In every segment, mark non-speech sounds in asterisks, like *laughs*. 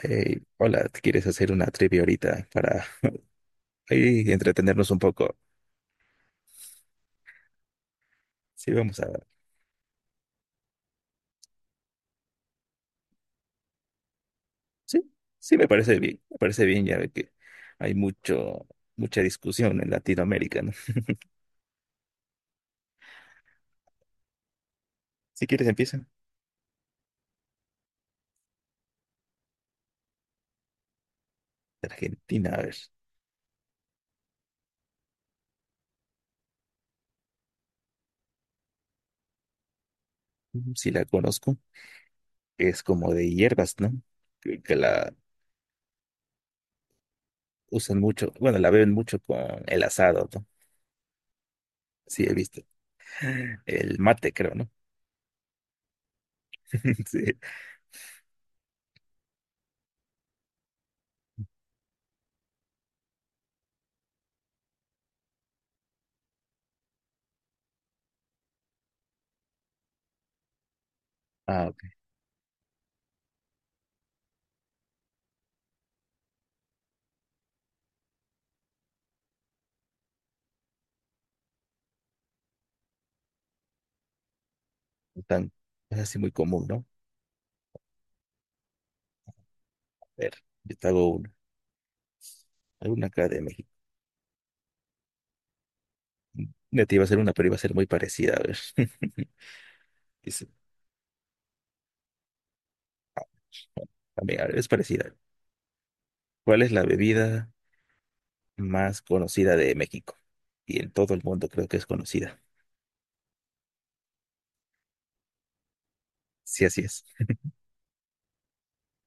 Hey, hola, ¿quieres hacer una trivia ahorita para ahí entretenernos un poco? Sí, vamos a... Sí, sí, me parece bien, ya ve que hay mucha discusión en Latinoamérica, ¿no? Si quieres empieza. Argentina, a ver, mm, si la conozco, es como de hierbas, ¿no? Que la usan mucho, bueno, la beben mucho con el asado, ¿no? Sí, he visto. El mate, creo, ¿no? *laughs* Sí. Ah, ok. No Tan, es así muy común, ¿no? A ver, yo te hago una, alguna acá de México. Ya te iba a hacer una, pero iba a ser muy parecida. A ver. *laughs* Dice, también, a ver, es parecida. ¿Cuál es la bebida más conocida de México? Y en todo el mundo creo que es conocida. Sí, así es.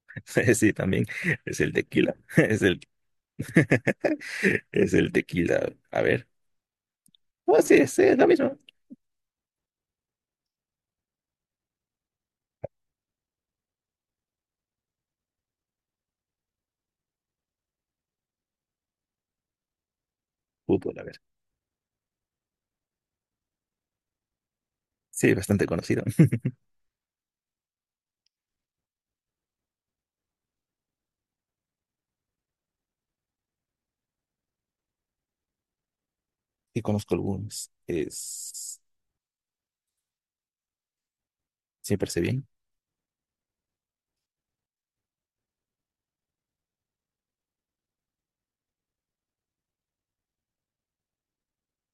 *laughs* Sí, también es el tequila. *laughs* Es el, *laughs* es el tequila. A ver. Oh, sí, sí, es la misma. Fútbol, a ver. Sí, bastante conocido. *laughs* Y conozco algunos. Es. Sí, parece bien.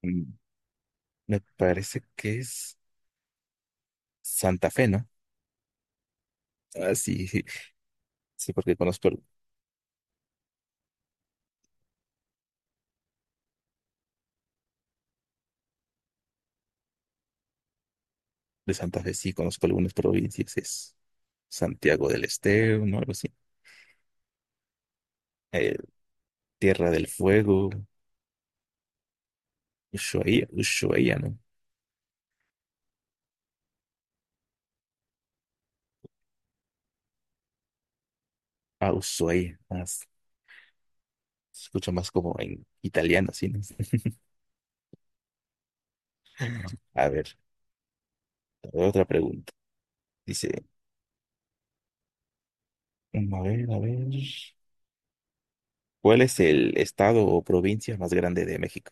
Mm, me parece que es Santa Fe, ¿no? Ah, sí, *laughs* sí, sí, porque conozco. De Santa Fe sí conozco algunas provincias, es Santiago del Estero, ¿no? Algo así. Eh, Tierra del Fuego, Ushuaia, Ushuaia, ¿no? Ah, Ushuaia, más. Se escucha más como en italiano, así, ¿no? *laughs* A ver, otra pregunta. Dice, mm, a ver. ¿Cuál es el estado o provincia más grande de México?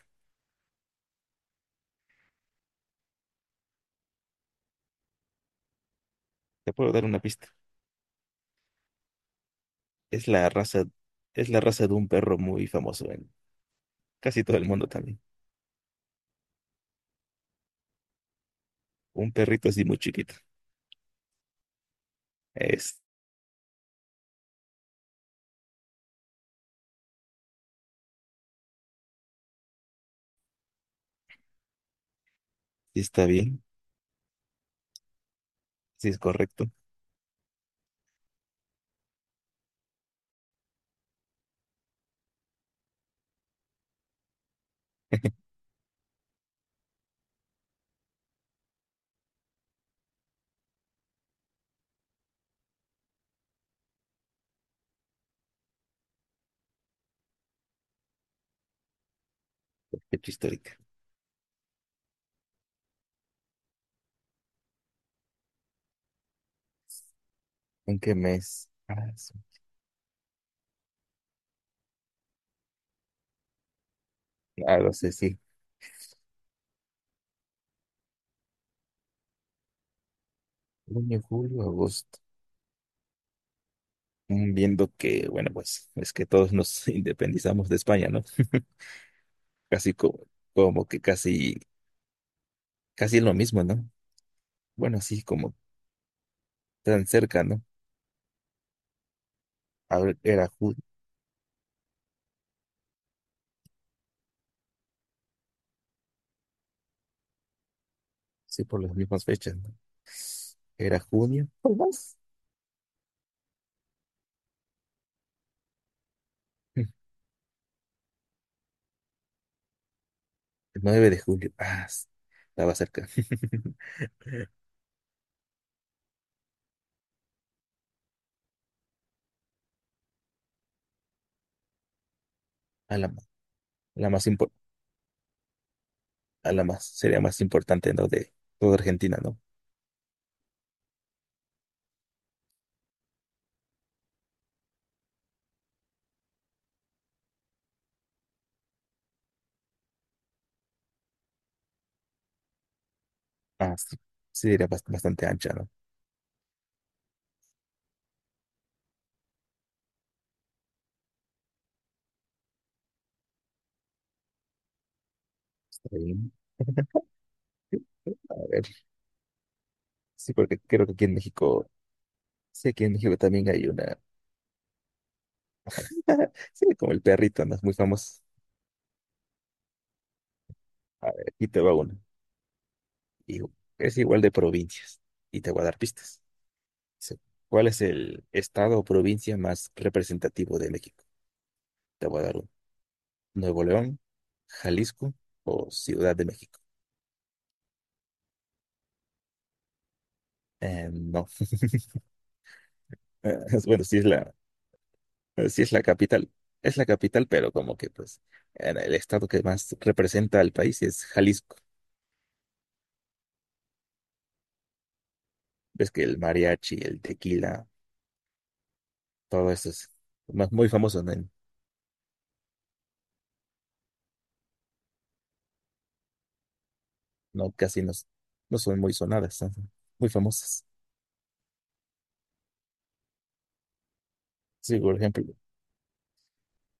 Te puedo dar una pista. Es la raza, es la raza de un perro muy famoso en casi todo el mundo también. Un perrito así muy chiquito. Es, sí está bien, sí es correcto. *laughs* Fecha histórica. ¿En qué mes? Ah, sí. Ah, lo sé, sí. Junio, julio, agosto. Mm, viendo que, bueno, pues es que todos nos *laughs* independizamos de España, ¿no? *laughs* Casi como, como que casi, casi es lo mismo, ¿no? Bueno, así como tan cerca, ¿no? A ver, era julio, sí, por las mismas fechas, ¿no? Era junio. ¿Por más? *laughs* El 9 de julio. Ah, s- estaba cerca. *laughs* A la, la más impor- a la más, sería más importante, ¿no? De toda Argentina, ¿no? Ah, sí, sí, era bast- bastante ancha, ¿no? Está bien. A ver, sí, porque creo que aquí en México, sí, aquí en México también hay una, *laughs* sí, como el perrito, ¿no? Es muy famoso. A ver, aquí te va una. Y es igual de provincias. Y te voy a dar pistas. Sí. ¿Cuál es el estado o provincia más representativo de México? Te voy a dar uno. ¿Nuevo León, Jalisco o Ciudad de México? No. *laughs* Bueno, sí es la, eh, sí, es la capital, pero como que pues en el estado que más representa al país es Jalisco. Ves que el mariachi, el tequila, todo eso es más- muy famoso, ¿no? No, casi no, s- no son muy sonadas, son muy famosas. Sí, por ejemplo,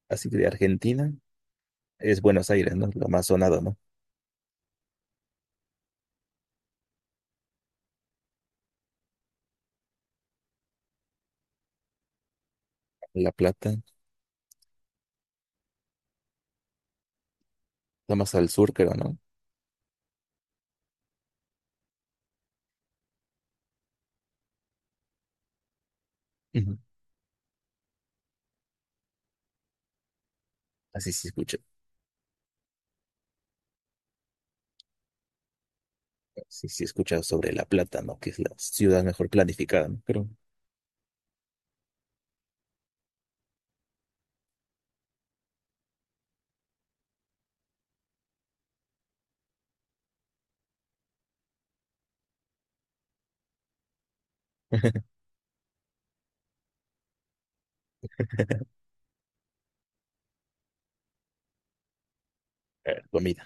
así de Argentina es Buenos Aires, ¿no? Lo más sonado, ¿no? La Plata, lo más al sur, creo, ¿no? Ujú. Así se escucha, así se escucha sobre La Plata, ¿no? Que es la ciudad mejor planificada, ¿no? Creo. *laughs* A ver, comida,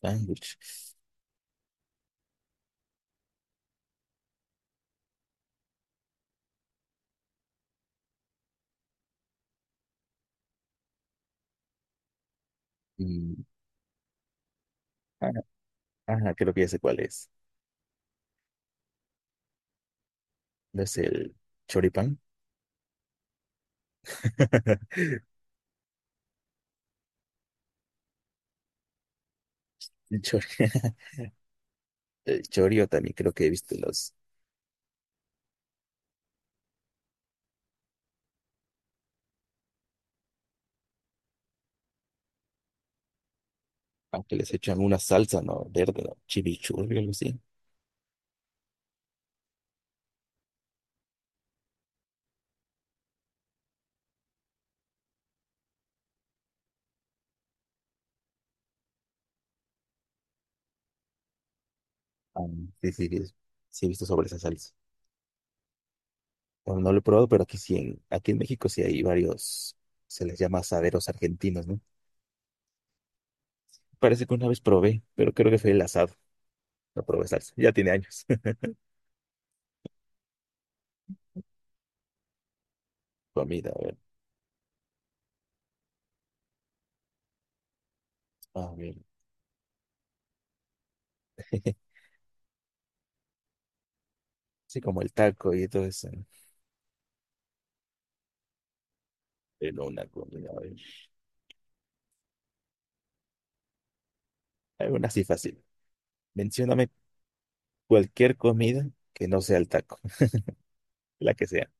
sándwich. Ajá, creo que ya sé cuál es. ¿No es el choripán? *laughs* El chori, *laughs* el chori, también creo que he visto los, aunque les echan una salsa, ¿no? Verde, ¿no? Chimichurri o algo así. Ah, sí, sí he visto sobre esa salsa. Bueno, no lo he probado, pero aquí sí, en, aquí en México sí hay varios, se les llama asaderos argentinos, ¿no? Parece que una vez probé, pero creo que fue el asado. No probé salsa, ya tiene años. *laughs* Comida, a ver. *laughs* Sí, como el taco y todo eso, ¿no? Pero una comida, a ver. Alguna así fácil. Mencióname cualquier comida que no sea el taco, *laughs* la que sea.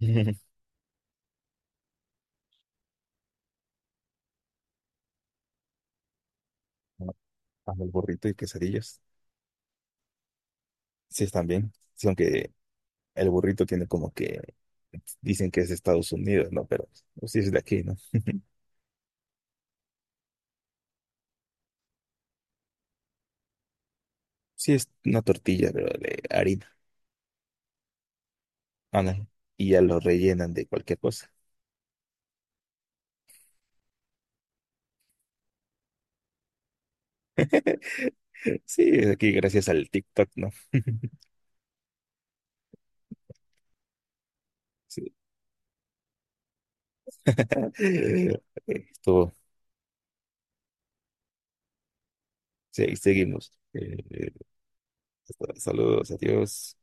*laughs* Amo el burrito y quesadillas. Sí, están bien. Sí, aunque el burrito tiene como que dicen que es de Estados Unidos, ¿no? Pero pues, sí es de aquí, ¿no? *laughs* Sí, es una tortilla, pero de harina. Ah, no. Y ya lo rellenan de cualquier cosa. Sí, es aquí gracias al TikTok, ¿no? *laughs* Sí. Eh, estuvo. Sí, seguimos. Saludos, adiós.